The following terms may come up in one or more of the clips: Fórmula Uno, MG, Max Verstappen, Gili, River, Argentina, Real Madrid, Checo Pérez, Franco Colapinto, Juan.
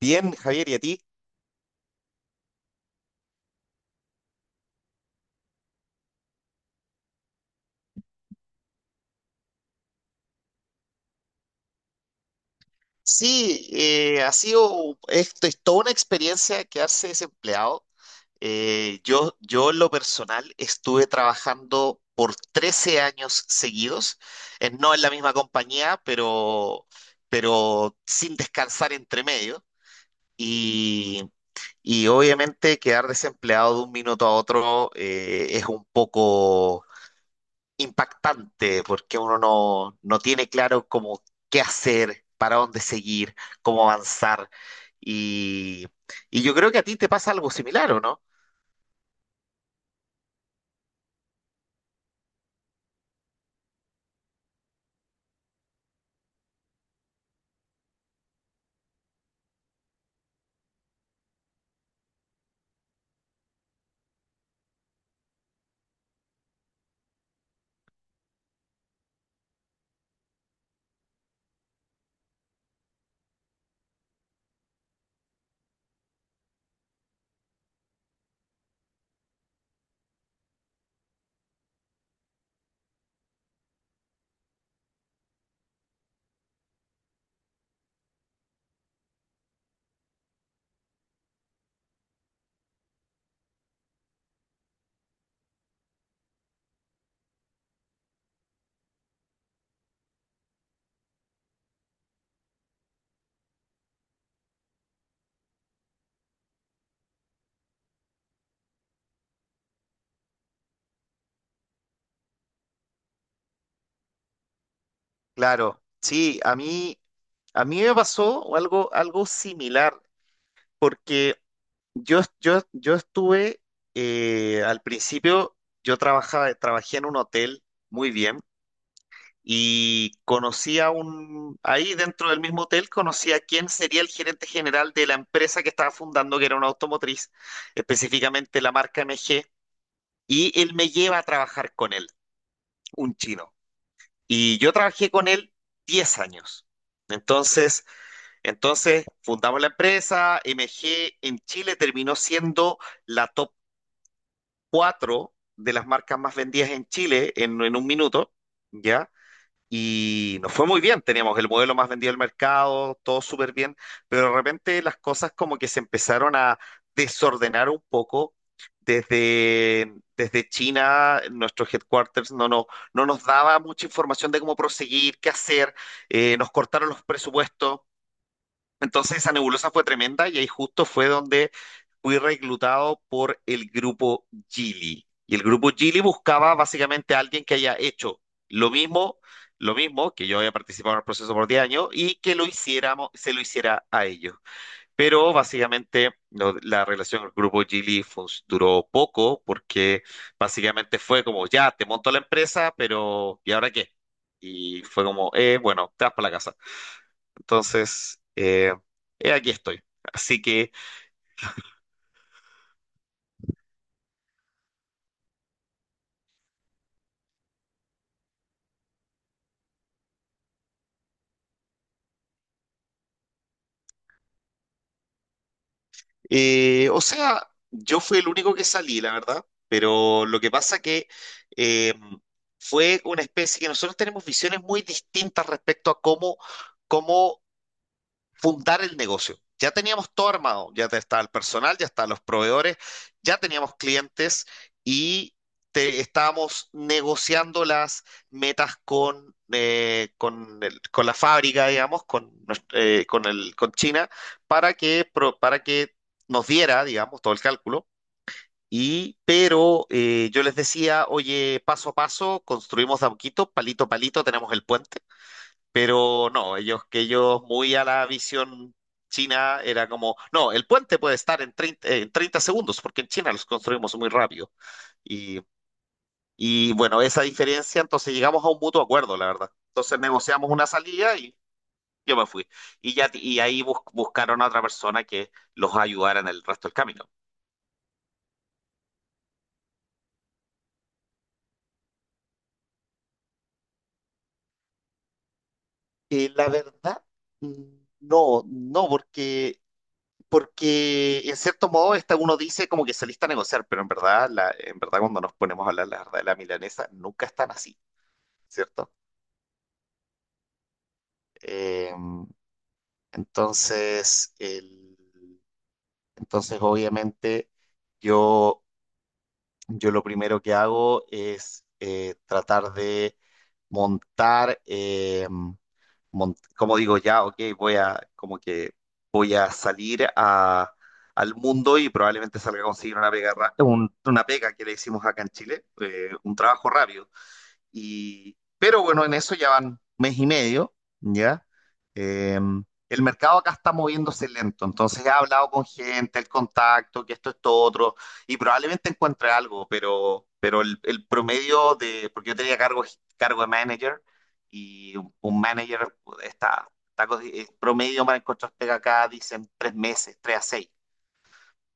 Bien, Javier, ¿y a ti? Sí, ha sido, esto es toda una experiencia quedarse desempleado. Yo en lo personal estuve trabajando por 13 años seguidos, no en la misma compañía, pero sin descansar entre medio. Y, y obviamente quedar desempleado de un minuto a otro es un poco impactante porque uno no tiene claro cómo qué hacer, para dónde seguir, cómo avanzar. Y, y yo creo que a ti te pasa algo similar, ¿o no? Claro, sí, a mí me pasó algo similar porque yo estuve, al principio, trabajé en un hotel muy bien. Y ahí dentro del mismo hotel, conocí a quién sería el gerente general de la empresa que estaba fundando, que era una automotriz, específicamente la marca MG, y él me lleva a trabajar con él, un chino. Y yo trabajé con él 10 años. Entonces, entonces fundamos la empresa. MG en Chile terminó siendo la top 4 de las marcas más vendidas en Chile en un minuto, ¿ya? Y nos fue muy bien, teníamos el modelo más vendido del mercado, todo súper bien, pero de repente las cosas como que se empezaron a desordenar un poco. Desde China, nuestro headquarters no nos daba mucha información de cómo proseguir, qué hacer. Nos cortaron los presupuestos. Entonces esa nebulosa fue tremenda y ahí justo fue donde fui reclutado por el grupo Gili. Y el grupo Gili buscaba básicamente a alguien que haya hecho lo mismo, lo mismo, que yo había participado en el proceso por 10 años y que se lo hiciera a ellos. Pero básicamente la relación con el grupo Gili duró poco porque básicamente fue como, ya, te monto la empresa, pero ¿y ahora qué? Y fue como, bueno, te vas para la casa. Entonces, aquí estoy. Así que, o sea, yo fui el único que salí, la verdad, pero lo que pasa que eh, fue una especie que nosotros tenemos visiones muy distintas respecto a cómo fundar el negocio. Ya teníamos todo armado, ya está el personal, ya están los proveedores, ya teníamos clientes y estábamos negociando las metas con, con la fábrica, digamos, con, nues- con, el, con China, para que, para que nos diera, digamos, todo el cálculo. Pero yo les decía, oye, paso a paso, construimos de a poquito, palito a palito, tenemos el puente. Pero no, ellos que ellos muy a la visión china era como, no, el puente puede estar en 30 segundos, porque en China los construimos muy rápido. Y, y bueno, esa diferencia, entonces llegamos a un mutuo acuerdo, la verdad. Entonces negociamos una salida y yo me fui. Y, ya, y ahí buscaron a otra persona que los ayudara en el resto del camino. Y la verdad, mm, no, no, porque en cierto modo esta uno dice como que saliste a negociar, pero en verdad, en verdad cuando nos ponemos a hablar la verdad de la milanesa, nunca están así, ¿cierto? Eh, entonces, entonces obviamente yo, yo lo primero que hago es tratar de montar. Como digo, ya, ok, como que voy a salir al mundo y probablemente salga a conseguir una pega, una pega que le hicimos acá en Chile, un trabajo rápido. Pero bueno, en eso ya van mes y medio, ¿ya? Eh, el mercado acá está moviéndose lento, entonces he hablado con gente, el contacto, que esto, otro, y probablemente encuentre algo, pero el promedio de, porque yo tenía cargo, cargo de manager y un manager está promedio para encontrar pega acá, dicen 3 meses, 3 a 6,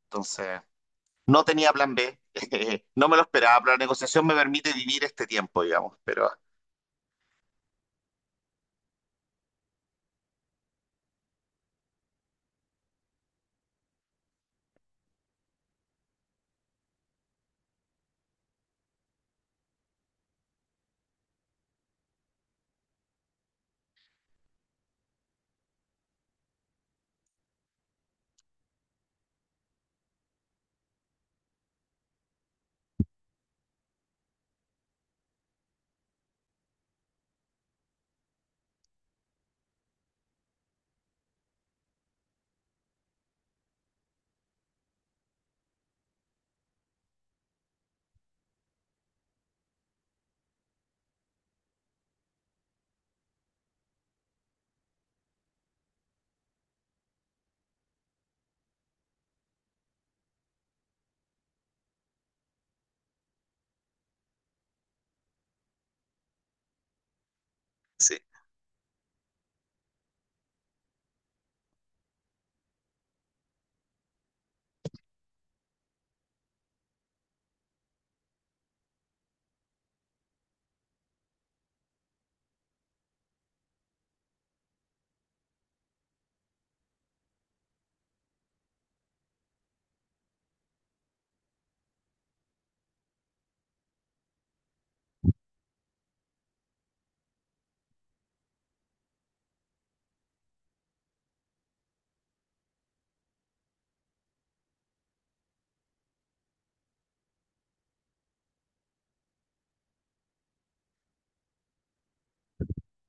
entonces no tenía plan B, no me lo esperaba, pero la negociación me permite vivir este tiempo, digamos, pero... Sí.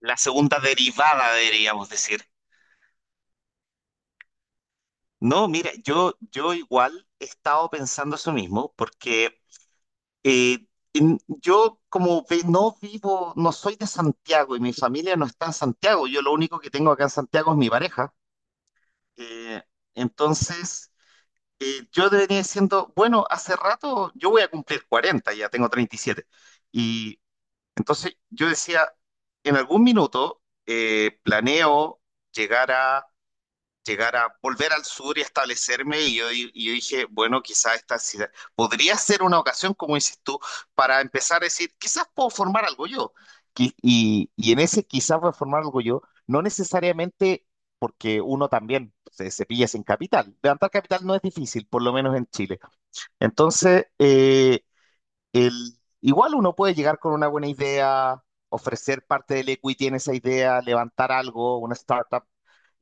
La segunda derivada, deberíamos decir. No, mira, yo igual he estado pensando eso mismo, porque eh, no vivo, no soy de Santiago y mi familia no está en Santiago, yo lo único que tengo acá en Santiago es mi pareja. Eh, entonces, yo debería diciendo, bueno, hace rato yo voy a cumplir 40, ya tengo 37. Y siete. Y entonces yo decía, en algún minuto planeo llegar a llegar a volver al sur y establecerme y y yo dije, bueno, quizás esta ciudad podría ser una ocasión, como dices tú, para empezar a decir, quizás puedo formar algo yo. Y en ese quizás voy a formar algo yo, no necesariamente porque uno también se pilla sin capital. Levantar capital no es difícil, por lo menos en Chile. Entonces, el, igual uno puede llegar con una buena idea, ofrecer parte del equity en esa idea, levantar algo, una startup,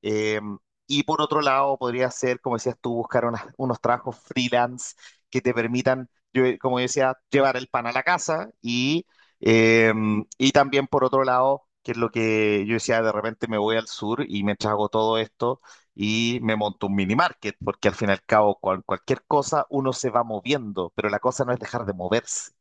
eh, y por otro lado, podría ser, como decías tú, buscar unos trabajos freelance que te permitan, como decía, llevar el pan a la casa eh, y también por otro lado, que es lo que yo decía, de repente me voy al sur y me trago todo esto y me monto un mini market, porque al fin y al cabo, cualquier cosa uno se va moviendo, pero la cosa no es dejar de moverse.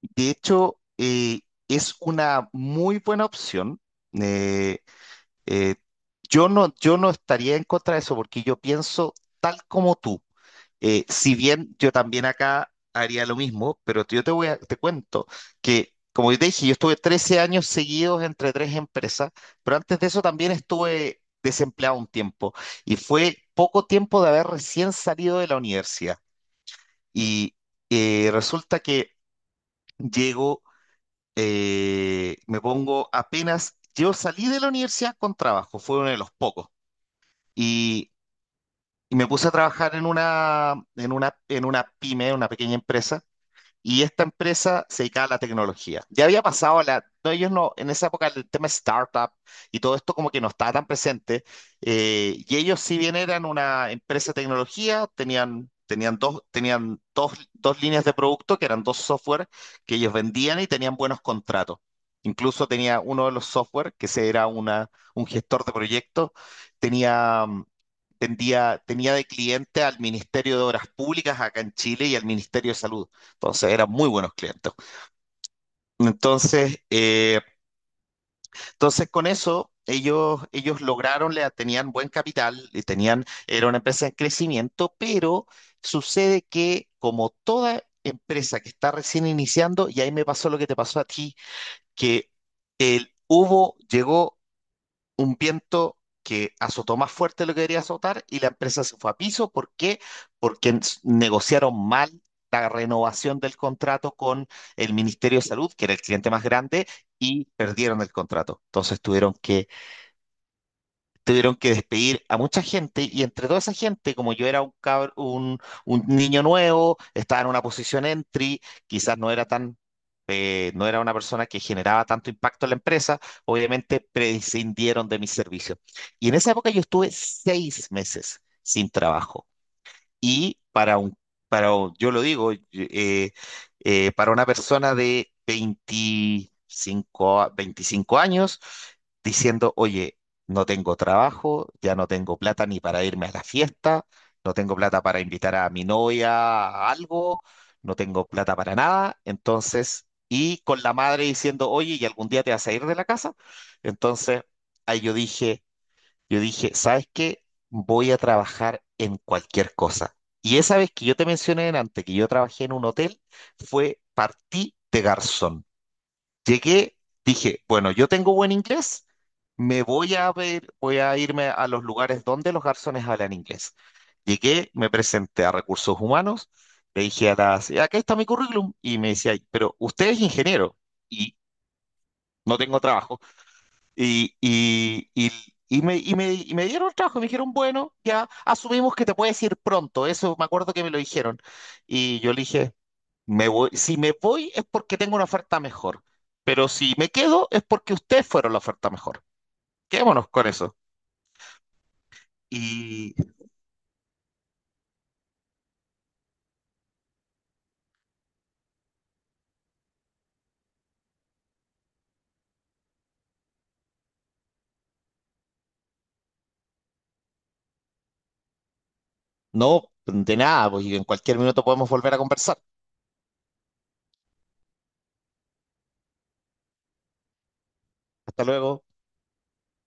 De hecho, es una muy buena opción. eh, Eh, yo no estaría en contra de eso porque yo pienso tal como tú. Si bien yo también acá haría lo mismo, pero yo te voy a, te cuento que, como yo te dije, yo estuve 13 años seguidos entre tres empresas, pero antes de eso también estuve desempleado un tiempo y fue poco tiempo de haber recién salido de la universidad. Y resulta que llego, me pongo apenas, yo salí de la universidad con trabajo, fue uno de los pocos. Y, y me puse a trabajar en una, en una pyme, una pequeña empresa, y esta empresa se dedicaba a la tecnología. Ya había pasado a la... No, ellos no, en esa época el tema startup y todo esto como que no estaba tan presente. Y ellos si bien eran una empresa de tecnología, tenían dos líneas de producto que eran dos software que ellos vendían y tenían buenos contratos. Incluso tenía uno de los software, que se era una, un gestor de proyectos, tenía, mm, tenía de cliente al Ministerio de Obras Públicas acá en Chile y al Ministerio de Salud. Entonces eran muy buenos clientes. Entonces, entonces con eso ellos tenían buen capital, y era una empresa en crecimiento, pero sucede que como toda empresa que está recién iniciando, y ahí me pasó lo que te pasó a ti, que llegó un viento que azotó más fuerte de lo que debería azotar y la empresa se fue a piso. ¿Por qué? Porque negociaron mal la renovación del contrato con el Ministerio de Salud, que era el cliente más grande, y perdieron el contrato. Entonces tuvieron que despedir a mucha gente y entre toda esa gente, como yo era un niño nuevo, estaba en una posición entry, quizás no era tan, no era una persona que generaba tanto impacto en la empresa, obviamente prescindieron de mis servicios. Y en esa época yo estuve 6 meses sin trabajo. Y para un, para, yo lo digo, para una persona de 25 años, diciendo, oye, no tengo trabajo, ya no tengo plata ni para irme a la fiesta, no tengo plata para invitar a mi novia a algo, no tengo plata para nada, entonces, y con la madre diciendo, oye, ¿y algún día te vas a ir de la casa? Entonces, ahí yo dije... Yo dije, ¿sabes qué? Voy a trabajar en cualquier cosa. Y esa vez que yo te mencioné antes que yo trabajé en un hotel, fue partí de garzón. Llegué, dije, bueno, yo tengo buen inglés, me voy a ver, voy a irme a los lugares donde los garzones hablan inglés. Llegué, me presenté a recursos humanos, le dije acá está mi currículum, y me decía, pero usted es ingeniero y no tengo trabajo. Y, y, y, y me dieron el trabajo, me dijeron, bueno, ya asumimos que te puedes ir pronto, eso me acuerdo que me lo dijeron. Y yo le dije, me voy, si me voy es porque tengo una oferta mejor, pero si me quedo es porque ustedes fueron la oferta mejor. Quedémonos con eso. Y no, de nada, pues y en cualquier minuto podemos volver a conversar. Hasta luego.